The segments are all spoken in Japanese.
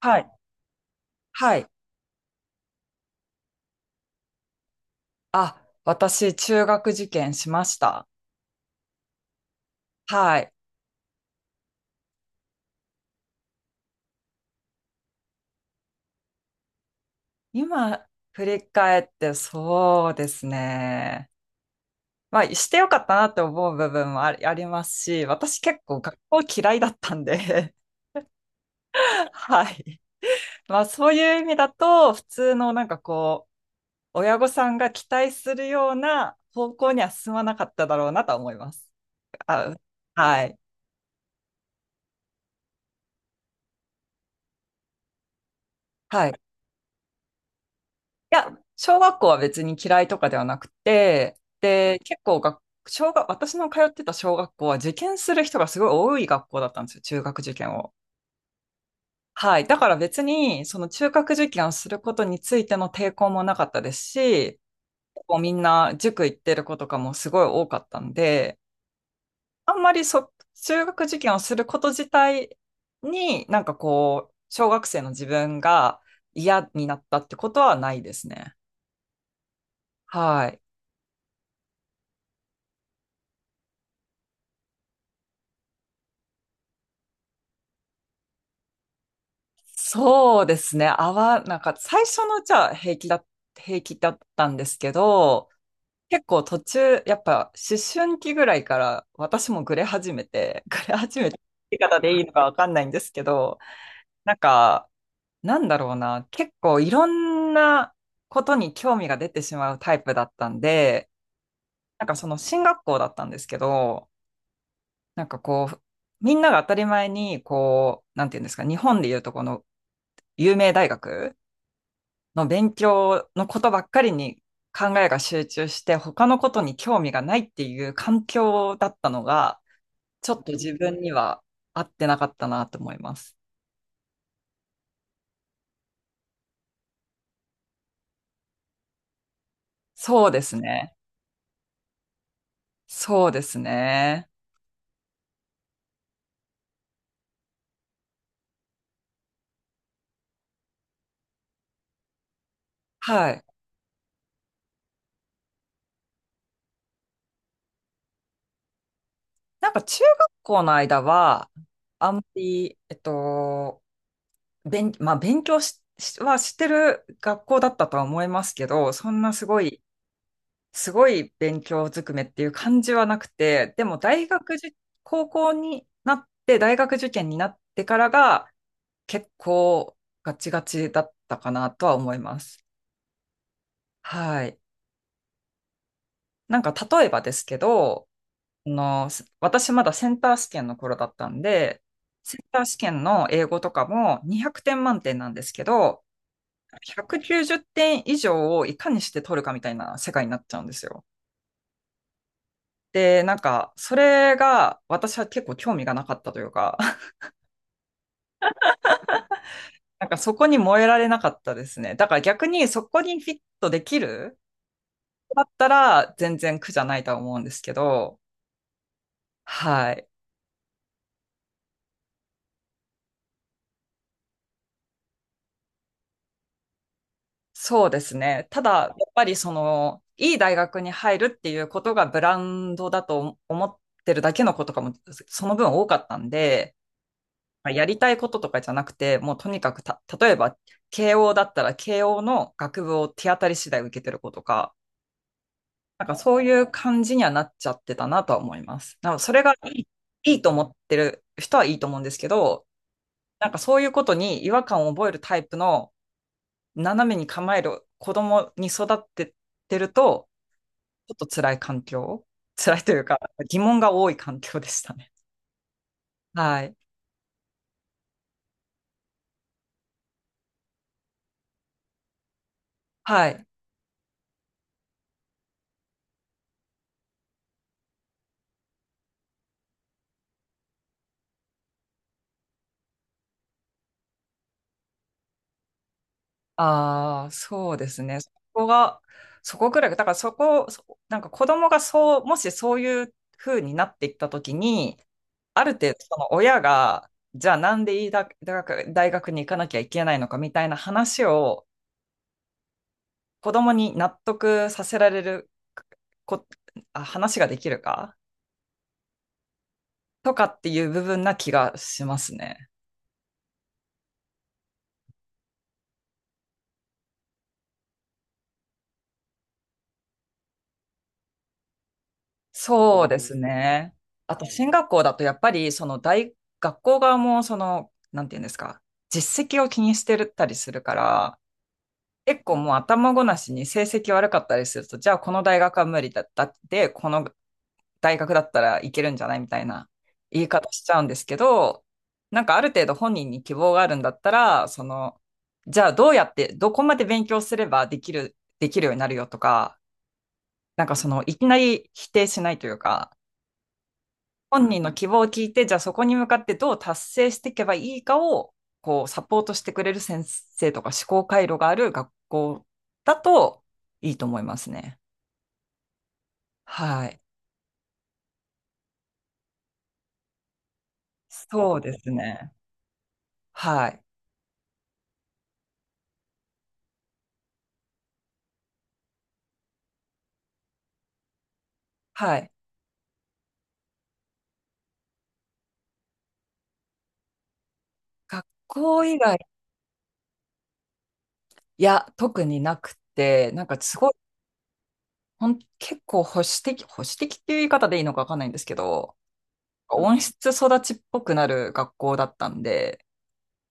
はい。はい。あ、私、中学受験しました。はい。今、振り返って、そうですね。まあ、してよかったなって思う部分もありますし、私結構学校嫌いだったんで。 はい。まあ、そういう意味だと、普通のなんかこう、親御さんが期待するような方向には進まなかっただろうなとは思います。あ、はい。はい。や、小学校は別に嫌いとかではなくて、で、結構学小学、私の通ってた小学校は受験する人がすごい多い学校だったんですよ、中学受験を。はい。だから別に、その中学受験をすることについての抵抗もなかったですし、結構みんな塾行ってる子とかもすごい多かったんで、あんまりそ、中学受験をすること自体になんかこう、小学生の自分が嫌になったってことはないですね。はい。そうですね。なんか最初のうちは平気だったんですけど、結構途中、やっぱ思春期ぐらいから私もグレ始めて、グレ始めて、言い方でいいのかわかんないんですけど、なんか、なんだろうな、結構いろんなことに興味が出てしまうタイプだったんで、なんかその進学校だったんですけど、なんかこう、みんなが当たり前に、こう、なんていうんですか、日本でいうとこの有名大学、の勉強のことばっかりに考えが集中して、他のことに興味がないっていう環境だったのが、ちょっと自分には合ってなかったなと思います。そうですね。そうですね。はい。なんか中学校の間は、あんまり、まあ勉強し、しはしてる学校だったとは思いますけど、そんなすごい勉強ずくめっていう感じはなくて、でも大学受、高校になって、大学受験になってからが結構ガチガチだったかなとは思います。はい。なんか例えばですけど、あの、私まだセンター試験の頃だったんで、センター試験の英語とかも200点満点なんですけど、190点以上をいかにして取るかみたいな世界になっちゃうんですよ。で、なんか、それが私は結構興味がなかったというか、なんかそこに燃えられなかったですね。だから逆にそこにフィットできるだったら全然苦じゃないとは思うんですけど、はい。そうですね。ただ、やっぱりその、いい大学に入るっていうことがブランドだと思ってるだけのことかも、その分多かったんで、まあやりたいこととかじゃなくて、もうとにかく例えば、慶応だったら慶応の学部を手当たり次第受けてる子とか、なんかそういう感じにはなっちゃってたなとは思います。なんかそれがいい、いいと思ってる人はいいと思うんですけど、なんかそういうことに違和感を覚えるタイプの斜めに構える子供に育ってってると、ちょっと辛いというか疑問が多い環境でしたね。はい。はい。ああ、そうですね。そこが、そこぐらい、だからそこ、そなんか子供がそう、もしそういう風になっていったときに、ある程度、その親が、じゃあなんでいいだ大学、大学に行かなきゃいけないのかみたいな話を子供に納得させられるこ、あ、話ができるかとかっていう部分な気がしますね。そうですね。あと、進学校だとやっぱり、その大、学校側も、その、なんていうんですか、実績を気にしてたりするから、結構もう頭ごなしに成績悪かったりすると、じゃあこの大学は無理だったって、この大学だったらいけるんじゃないみたいな言い方しちゃうんですけど、なんかある程度本人に希望があるんだったら、その、じゃあどうやって、どこまで勉強すればできるようになるよとか、なんかその、いきなり否定しないというか、本人の希望を聞いて、じゃあそこに向かってどう達成していけばいいかを、こう、サポートしてくれる先生とか思考回路がある学校だといいと思いますね。はい。そうですね。はい。はい。学校以外、いや、特になくて、なんかすごい、ほん、結構保守的、保守的っていう言い方でいいのかわかんないんですけど、温室育ちっぽくなる学校だったんで、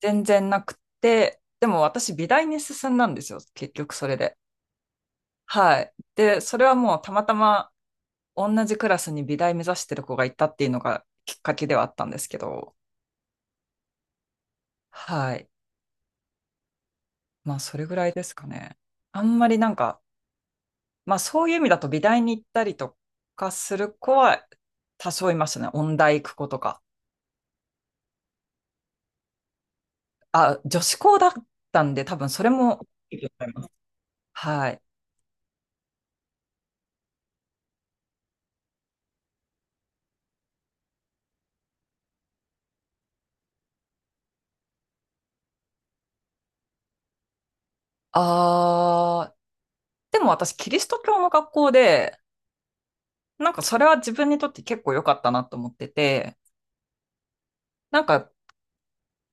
全然なくて、でも私美大に進んだんですよ、結局それで。はい。で、それはもうたまたま同じクラスに美大目指してる子がいたっていうのがきっかけではあったんですけど、はい。まあそれぐらいですかね。あんまりなんか、まあそういう意味だと美大に行ったりとかする子は多少いましたね。音大行く子とか。あ、女子校だったんで多分それも、はい。あー、でも私キリスト教の学校で、なんかそれは自分にとって結構良かったなと思ってて、なんか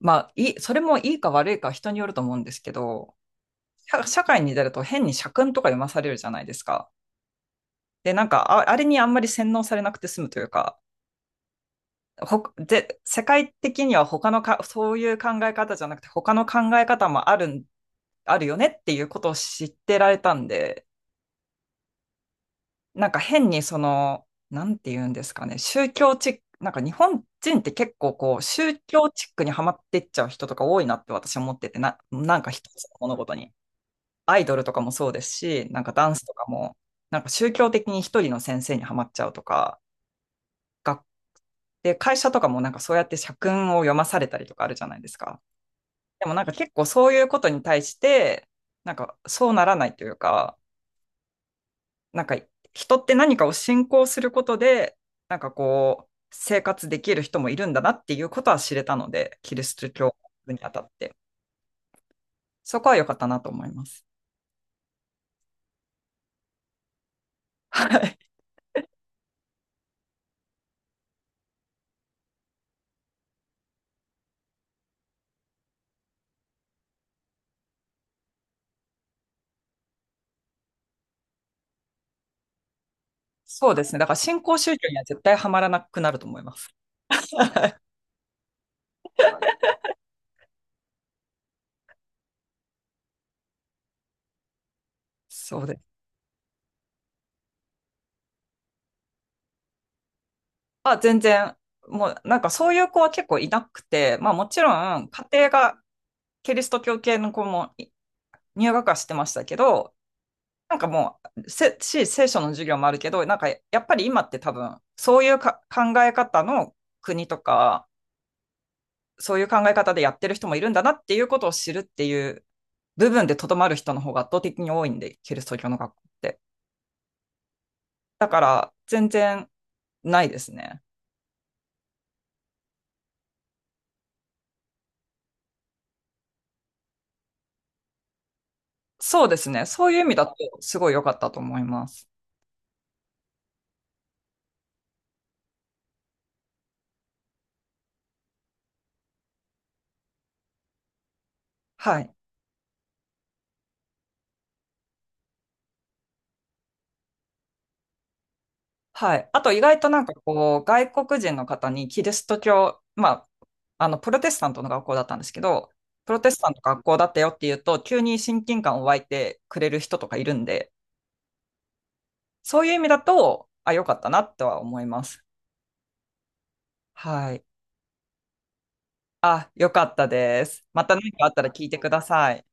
まあいい、それもいいか悪いかは人によると思うんですけど、社会に出ると変に社訓とか読まされるじゃないですか。で、あれにあんまり洗脳されなくて済むというか、ほで世界的には他のか、そういう考え方じゃなくて他の考え方もあるん、あるよねっていうことを知ってられたんで、なんか変にその、なんて言うんですかね、宗教チック、なんか日本人って結構こう、宗教チックにはまってっちゃう人とか多いなって私は思ってて、なんか一つの物事に。アイドルとかもそうですし、なんかダンスとかも、なんか宗教的に一人の先生にはまっちゃうとか、学で、会社とかもなんかそうやって社訓を読まされたりとかあるじゃないですか。でもなんか結構そういうことに対して、なんかそうならないというか、なんか人って何かを信仰することで、なんかこう、生活できる人もいるんだなっていうことは知れたので、キリスト教にあたって。そこは良かったなと思います。はい。そうですね。だから新興宗教には絶対ハマらなくなると思います。そうです。まあ、全然、もうなんかそういう子は結構いなくて、まあもちろん家庭がキリスト教系の子もい入学はしてましたけど、なんかもう、聖書の授業もあるけど、なんかやっぱり今って多分、そういう考え方の国とか、そういう考え方でやってる人もいるんだなっていうことを知るっていう部分でとどまる人の方が圧倒的に多いんで、キリスト教の学校って。だから、全然ないですね。そうですね。そういう意味だと、すごい良かったと思います。はい。はい。あと意外となんかこう、外国人の方にキリスト教、まあ、あの、プロテスタントの学校だったんですけど、プロテスタントの学校だったよっていうと、急に親近感を湧いてくれる人とかいるんで、そういう意味だと、あ、よかったなとは思います。はい。あ、よかったです。また何かあったら聞いてください。